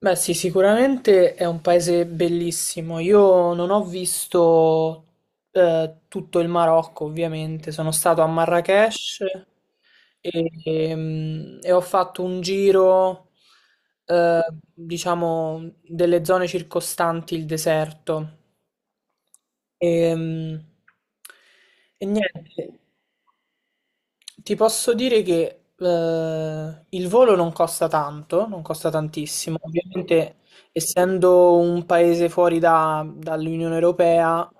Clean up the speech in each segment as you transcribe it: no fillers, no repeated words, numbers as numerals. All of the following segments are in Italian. Beh, sì, sicuramente è un paese bellissimo. Io non ho visto tutto il Marocco, ovviamente. Sono stato a Marrakech e ho fatto un giro, eh, diciamo, delle zone circostanti il deserto. Ehm, E, niente. Ti posso dire che il volo non costa tanto, non costa tantissimo. Ovviamente, essendo un paese fuori dall'Unione Europea,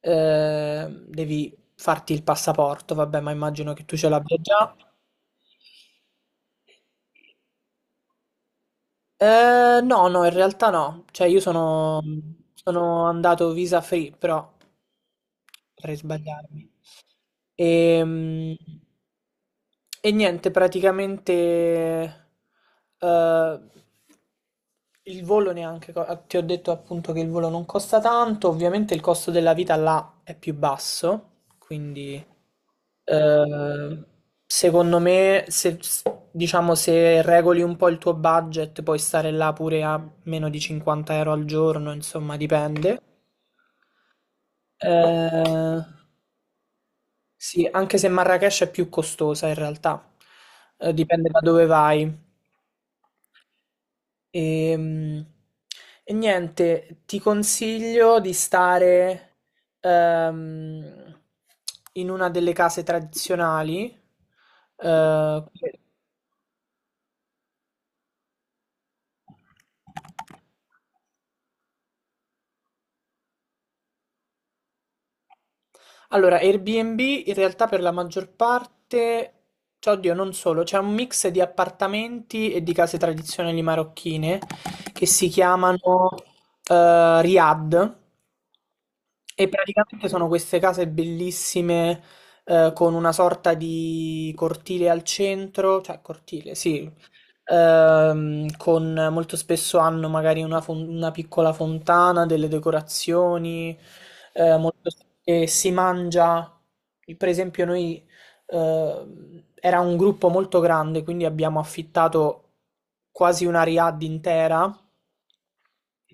devi farti il passaporto, vabbè, ma immagino che tu ce l'abbia già. No, no, in realtà no. Cioè, io sono andato visa free, però potrei sbagliarmi. Ehm, E, niente, praticamente eh, il volo neanche, ti ho detto appunto che il volo non costa tanto, ovviamente il costo della vita là è più basso, quindi eh, secondo me se, s- diciamo, se regoli un po' il tuo budget puoi stare là pure a meno di 50 euro al giorno, insomma dipende. Eh, sì, anche se Marrakech è più costosa in realtà. Dipende da dove vai. Ehm, E, niente, ti consiglio di stare ehm, in una delle case tradizionali. Eh, allora, Airbnb in realtà per la maggior parte, cioè, oddio, non solo, c'è un mix di appartamenti e di case tradizionali marocchine che si chiamano Riad. E praticamente sono queste case bellissime, con una sorta di cortile al centro, cioè cortile, sì, con molto spesso hanno magari una piccola fontana, delle decorazioni, e si mangia. Per esempio, noi era un gruppo molto grande, quindi abbiamo affittato quasi una riad intera.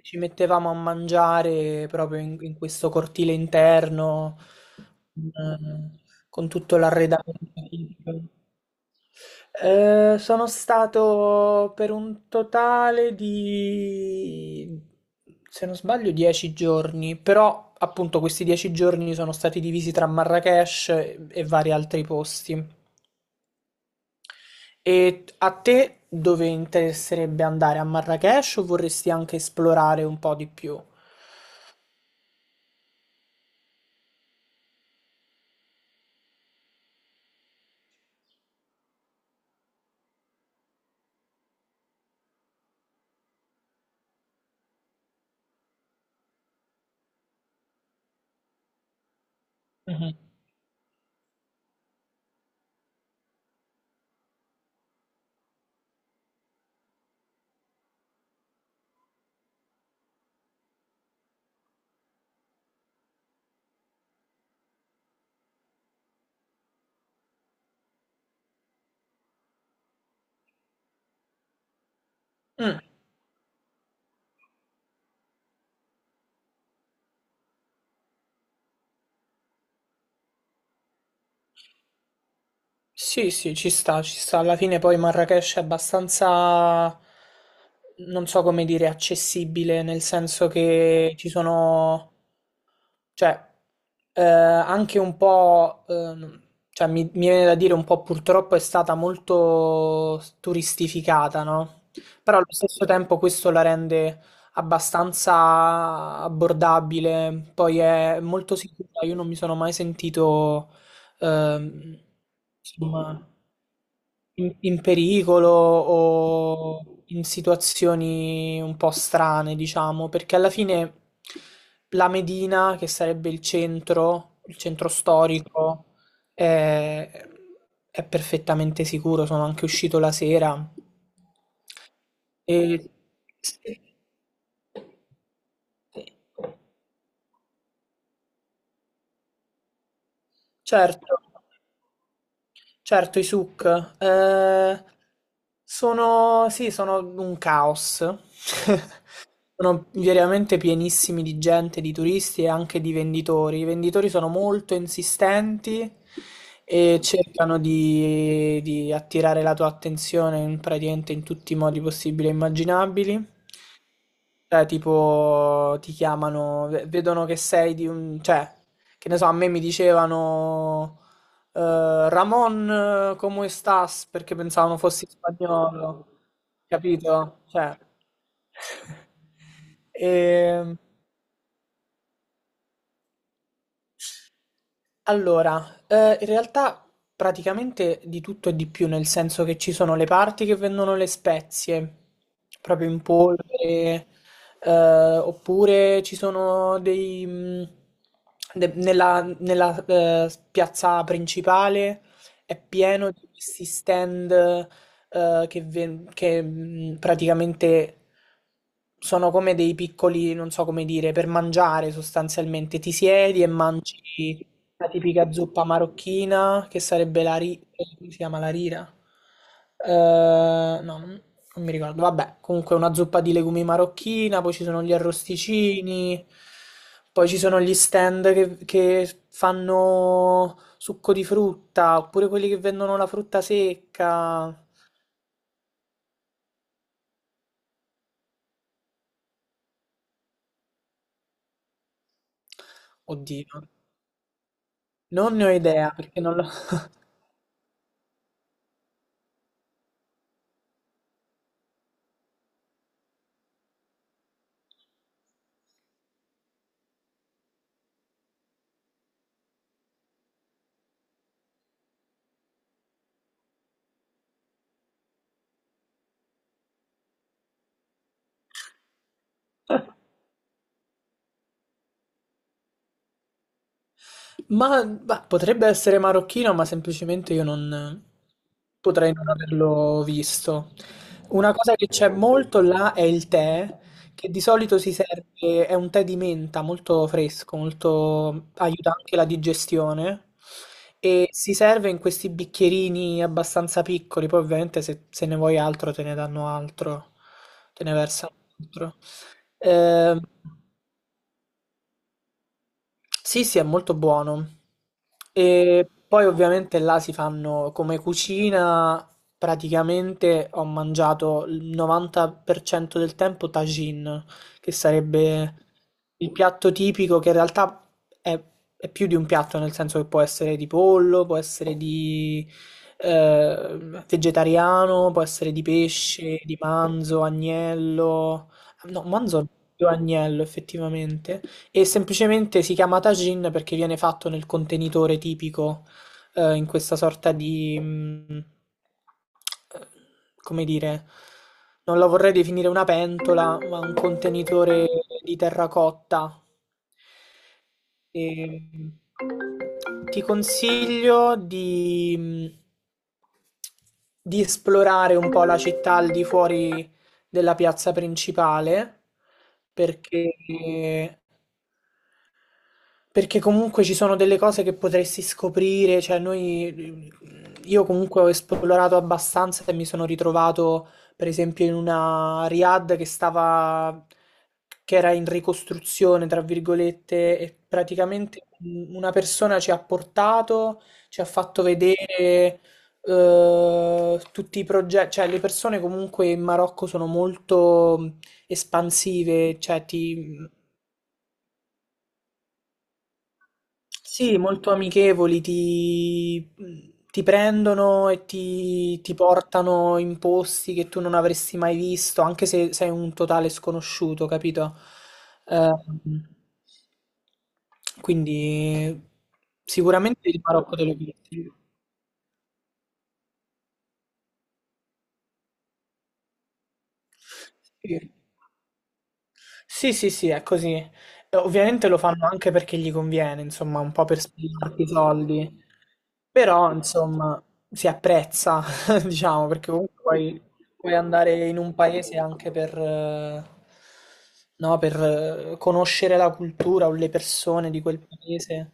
Ci mettevamo a mangiare proprio in questo cortile interno, eh, con tutto l'arredamento. Sono stato per un totale di, se non sbaglio, 10 giorni, però appunto questi 10 giorni sono stati divisi tra Marrakech e vari altri posti. E a te dove interesserebbe andare? A Marrakech o vorresti anche esplorare un po' di più? Mhm. Mm. Sì, sì, ci sta, ci sta. Alla fine poi Marrakech è abbastanza, non so come dire, accessibile, nel senso che ci sono, cioè, anche un po', cioè mi viene da dire un po' purtroppo è stata molto turistificata, no? Però allo stesso tempo questo la rende abbastanza abbordabile, poi è molto sicura, io non mi sono mai sentito, ehm, insomma in pericolo o in situazioni un po' strane, diciamo, perché alla fine la Medina, che sarebbe il centro storico, è, è perfettamente sicuro. Sono anche uscito la sera. E, sì, certo, certo, i souk sono, sì, sono un caos. Sono veramente pienissimi di gente, di turisti e anche di venditori. I venditori sono molto insistenti e cercano di attirare la tua attenzione praticamente in tutti i modi possibili e immaginabili. Cioè, tipo, ti chiamano, vedono che sei di un. Cioè, che ne so, a me mi dicevano Ramon, come estás? Perché pensavano fossi spagnolo, capito? Cioè. E, allora, in realtà praticamente di tutto e di più, nel senso che ci sono le parti che vendono le spezie, proprio in polvere, oppure ci sono dei... de- nella nella, piazza principale è pieno di questi stand che, praticamente sono come dei piccoli, non so come dire, per mangiare sostanzialmente. Ti siedi e mangi la tipica zuppa marocchina che sarebbe come si chiama la rira? Eh, no, non mi ricordo. Vabbè, comunque una zuppa di legumi marocchina, poi ci sono gli arrosticini, poi ci sono gli stand che fanno succo di frutta, oppure quelli che vendono la frutta secca. Oddio, non ne ho idea perché non l'ho. Ma bah, potrebbe essere marocchino, ma semplicemente io non potrei non averlo visto. Una cosa che c'è molto là è il tè, che di solito si serve, è un tè di menta molto fresco, molto, aiuta anche la digestione. E si serve in questi bicchierini abbastanza piccoli, poi ovviamente se ne vuoi altro te ne danno altro, te ne versano altro. Ehm, sì, sì, è molto buono. E poi ovviamente là si fanno come cucina, praticamente ho mangiato il 90% del tempo tagine, che sarebbe il piatto tipico che in realtà è, è più di un piatto, nel senso che può essere di pollo, può essere di eh, vegetariano, può essere di pesce, di manzo, agnello. No, manzo è più agnello effettivamente e semplicemente si chiama tagine perché viene fatto nel contenitore tipico, in questa sorta di, eh, come dire, non la vorrei definire una pentola, ma un contenitore di terracotta. E, ti consiglio di esplorare un po' la città al di fuori della piazza principale perché perché comunque ci sono delle cose che potresti scoprire, cioè io comunque ho esplorato abbastanza e mi sono ritrovato per esempio in una Riad che stava, che era in ricostruzione, tra virgolette, e praticamente una persona ci ha portato, ci ha fatto vedere tutti i progetti, cioè le persone comunque in Marocco sono molto espansive, cioè sì, molto amichevoli, ti prendono e ti portano in posti che tu non avresti mai visto, anche se sei un totale sconosciuto, capito? Ehm, quindi sicuramente il Marocco te lo consiglio. Sì. Sì, sì, sì, è così. Ovviamente lo fanno anche perché gli conviene, insomma, un po' per spiegarti i soldi. Però, insomma, si apprezza, diciamo, perché comunque puoi andare in un paese anche no, per conoscere la cultura o le persone di quel paese.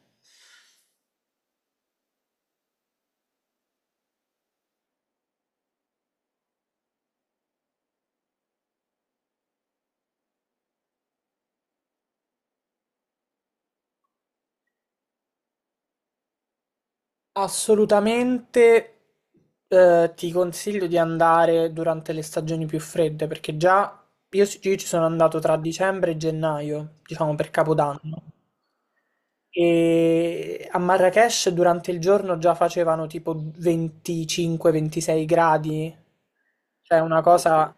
Assolutamente, ti consiglio di andare durante le stagioni più fredde, perché già io ci sono andato tra dicembre e gennaio, diciamo per Capodanno. E a Marrakech durante il giorno già facevano tipo 25-26 gradi, cioè una cosa,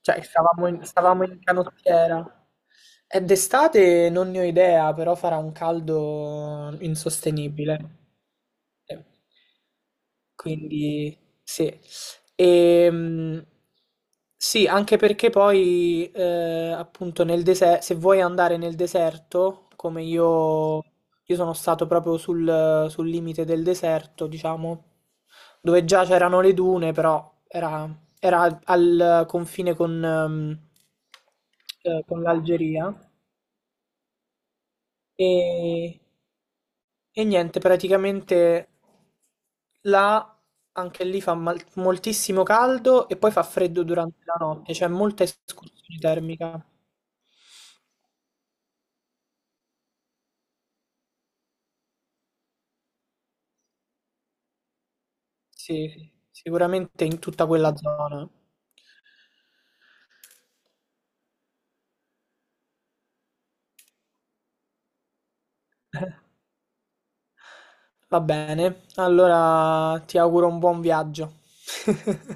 cioè stavamo in canottiera. E d'estate non ne ho idea, però farà un caldo insostenibile. Eh, Quindi sì. E, sì, anche perché poi appunto nel deserto, se vuoi andare nel deserto, come io sono stato proprio sul limite del deserto, diciamo, dove già c'erano le dune, però era al confine con l'Algeria. E, e niente, praticamente là anche lì fa moltissimo caldo e poi fa freddo durante la notte, c'è molta escursione termica. Sì, sì, sicuramente in tutta quella zona. Va bene, allora ti auguro un buon viaggio.